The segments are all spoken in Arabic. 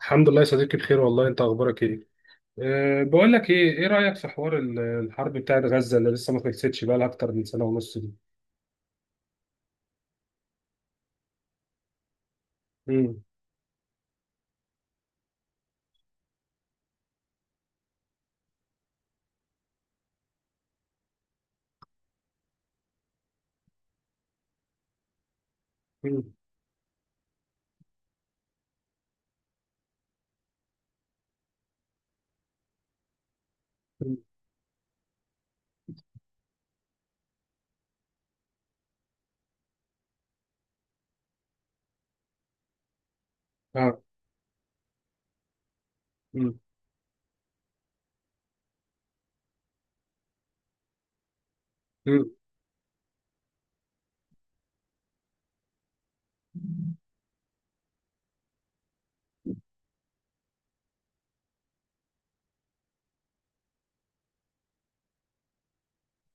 الحمد لله يا صديقي، بخير والله. انت اخبارك ايه؟ بقول لك ايه رايك في حوار الحرب بتاعت غزه اللي لسه ما خلصتش بقى لها اكتر من سنه ونص دي؟ امم. امم. امم. اه. امم. امم.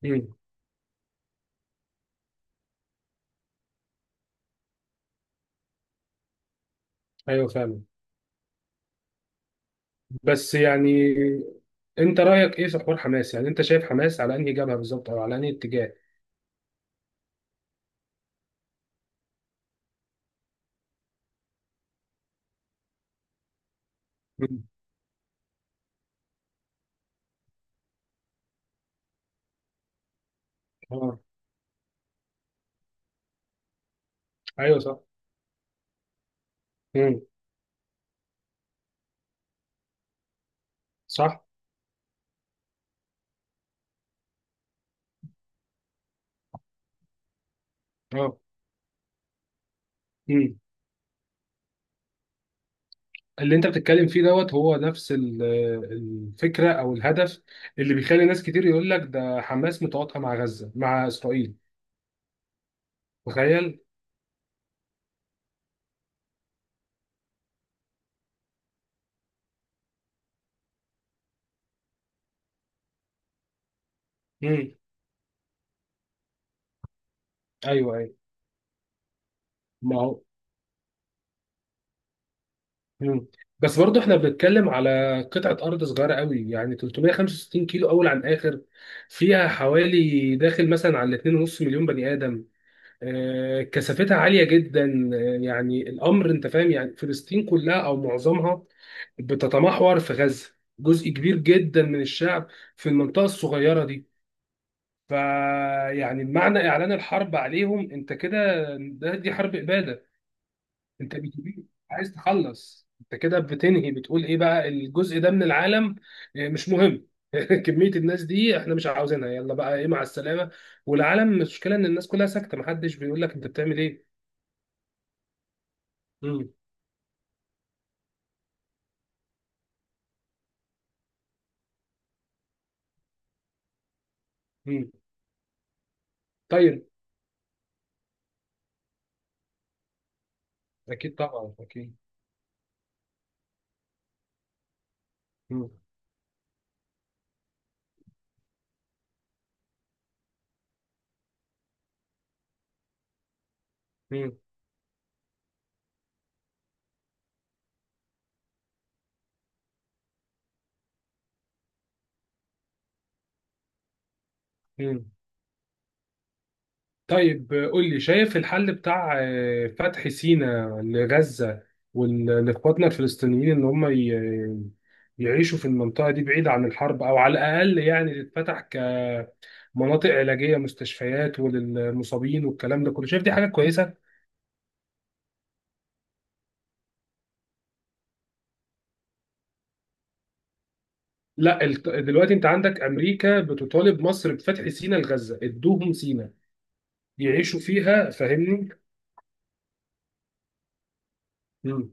امم. ايوه فعلا. بس يعني انت رايك ايه في حوار حماس؟ يعني انت شايف حماس على انهي جبهه بالظبط او على انهي اتجاه؟ امم. اه. ايوه صح. امم. صح. اه. اللي انت بتتكلم فيه دوت هو نفس الفكره او الهدف اللي بيخلي ناس كتير يقول لك ده حماس متواطئه مع غزه مع اسرائيل. تخيل. امم. ايوه، ايوه. ما هو. مم. بس برضه احنا بنتكلم على قطعه ارض صغيره قوي، يعني 365 كيلو اول عن اخر، فيها حوالي داخل مثلا على 2.5 مليون بني ادم. كثافتها عالية جدا. يعني الأمر أنت فاهم. يعني فلسطين كلها أو معظمها بتتمحور في غزة، جزء كبير جدا من الشعب في المنطقة الصغيرة دي. فيعني معنى إعلان الحرب عليهم أنت كده، دي حرب إبادة. أنت بتبيد، عايز تخلص، أنت كده بتنهي، بتقول إيه بقى الجزء ده من العالم مش مهم. كمية الناس دي احنا مش عاوزينها، يلا بقى ايه، مع السلامة. والعالم، المشكلة ان الناس كلها ساكتة، محدش بيقول لك انت بتعمل ايه. مم. مم. طيب. اكيد طبعا اكيد. مم. مم. مم. طيب، قول لي، شايف الحل بتاع فتح سيناء لغزة وال- لاخواتنا الفلسطينيين ان هم يعيشوا في المنطقة دي بعيد عن الحرب، او على الاقل يعني تتفتح كمناطق علاجية، مستشفيات وللمصابين والكلام ده كله؟ شايف دي حاجة كويسة؟ لا، دلوقتي انت عندك امريكا بتطالب مصر بفتح سيناء لغزة. ادوهم سيناء يعيشوا فيها، فاهمني؟ مم.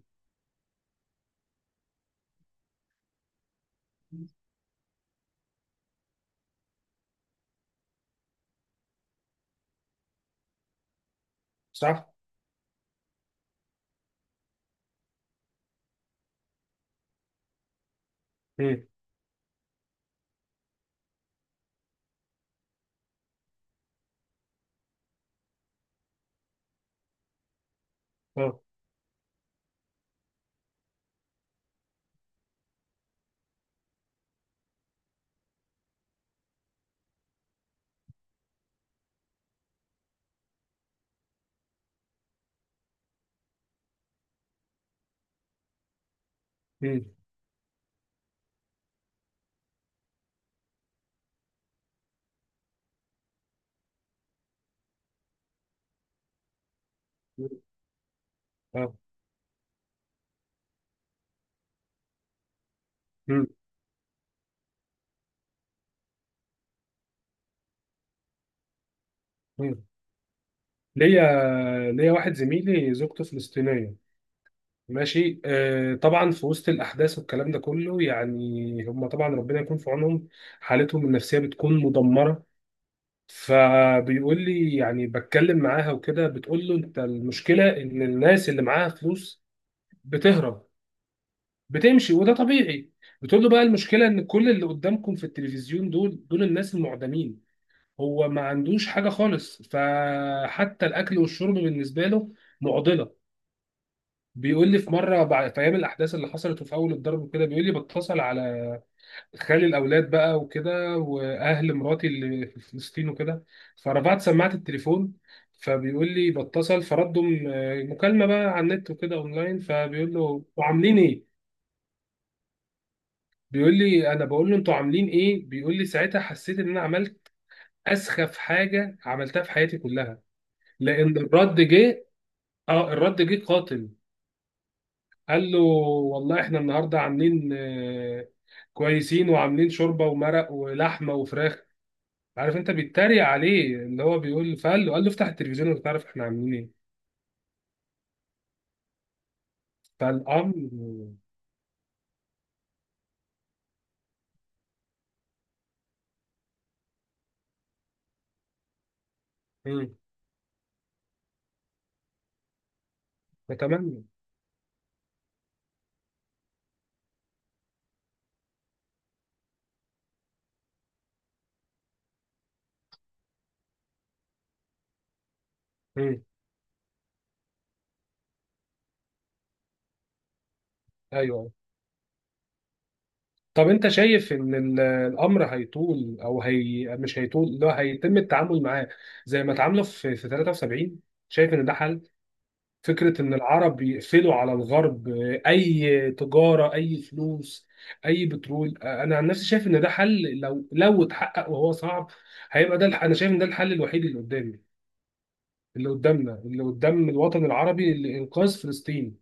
صح. مم. اه. مم. مم. اه. مم. مم. ليا ليا واحد زميلي زوجته فلسطينية. ماشي، طبعا في وسط الأحداث والكلام ده كله، يعني هم طبعا ربنا يكون في عونهم. حالتهم النفسية بتكون مدمرة. فبيقول لي يعني بتكلم معاها وكده، بتقول له انت المشكلة ان الناس اللي معاها فلوس بتهرب، بتمشي، وده طبيعي. بتقول له بقى المشكلة ان كل اللي قدامكم في التلفزيون، دول الناس المعدمين. هو ما عندوش حاجة خالص، فحتى الأكل والشرب بالنسبة له معضلة. بيقول لي في مرة، بعد في أيام الأحداث اللي حصلت وفي أول الضرب وكده، بيقول لي بتصل على خالي الأولاد بقى وكده وأهل مراتي اللي في فلسطين وكده، فرفعت سماعة التليفون. فبيقول لي بتصل فردوا مكالمة بقى على النت وكده أونلاين، فبيقول له أنتوا عاملين إيه؟ بيقول لي أنا بقول له أنتوا عاملين إيه؟ بيقول لي ساعتها حسيت إن أنا عملت أسخف حاجة عملتها في حياتي كلها، لان الرد جه. اه، الرد جه قاتل. قال له والله احنا النهارده عاملين كويسين، وعاملين شوربه ومرق ولحمه وفراخ. عارف انت بيتريق عليه، اللي هو بيقول، فقال له، قال له افتح التلفزيون وانت تعرف احنا عاملين ايه. فالامر. مم. متمم. مم. ايوه. طب انت شايف ان الامر هيطول او هي مش هيطول، اللي هو هيتم التعامل معاه زي ما اتعاملوا في 73؟ شايف ان ده حل، فكرة إن العرب يقفلوا على الغرب أي تجارة، أي فلوس، أي بترول؟ أنا عن نفسي شايف إن ده حل لو اتحقق، وهو صعب. هيبقى ده أنا شايف إن ده الحل الوحيد اللي قدامي، اللي قدامنا، اللي قدام الوطن العربي لإنقاذ فلسطين.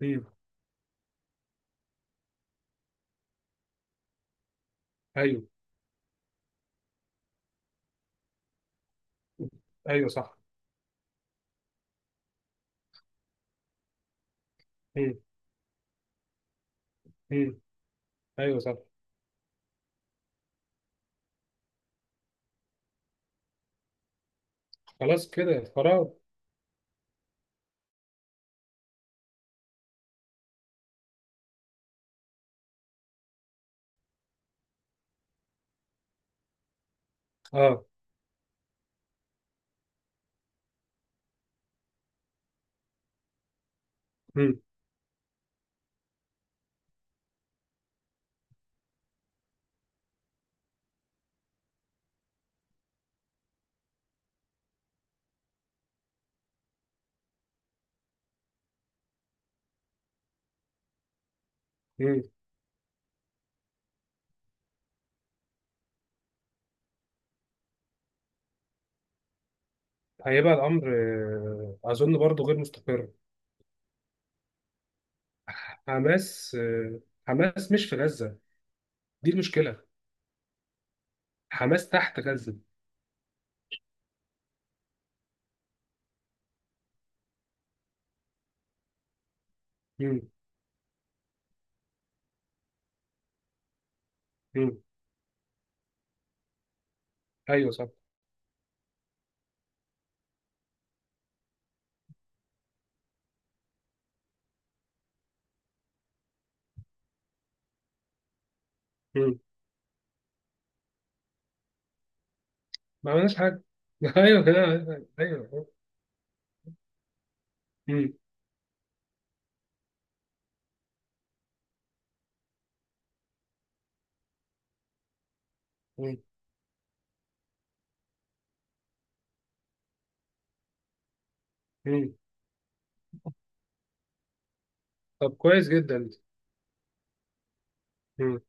مم. أيوه. أيوه صح. مم. مم. أيوه صح. خلاص كده قرار. أه. مم. مم. هيبقى الأمر، أظن برضه غير مستقر. حماس. حماس مش في غزة، دي المشكلة. حماس تحت غزة. مم. مم. ايوه صح. مم. ما عملناش حاجة. ايوه كده ايوه. أيوة. مم. مم. مم. طب كويس جدا. مم.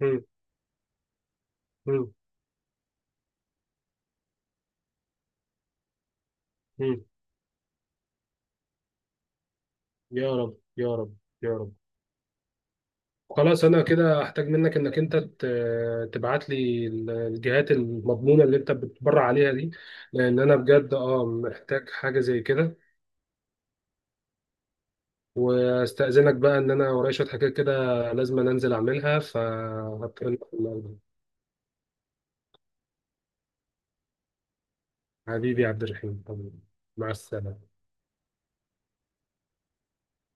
مم. مم. مم. يا رب، يا رب. يا رب. خلاص، انا كده احتاج منك انك انت تبعت لي الجهات المضمونة اللي انت بتبرع عليها دي، لان انا بجد محتاج حاجة زي كده. واستأذنك بقى ان انا ورايا شوية حاجات كده، لازم أنا انزل اعملها ف... حبيبي عبد الرحيم، حبيبي. مع السلامة.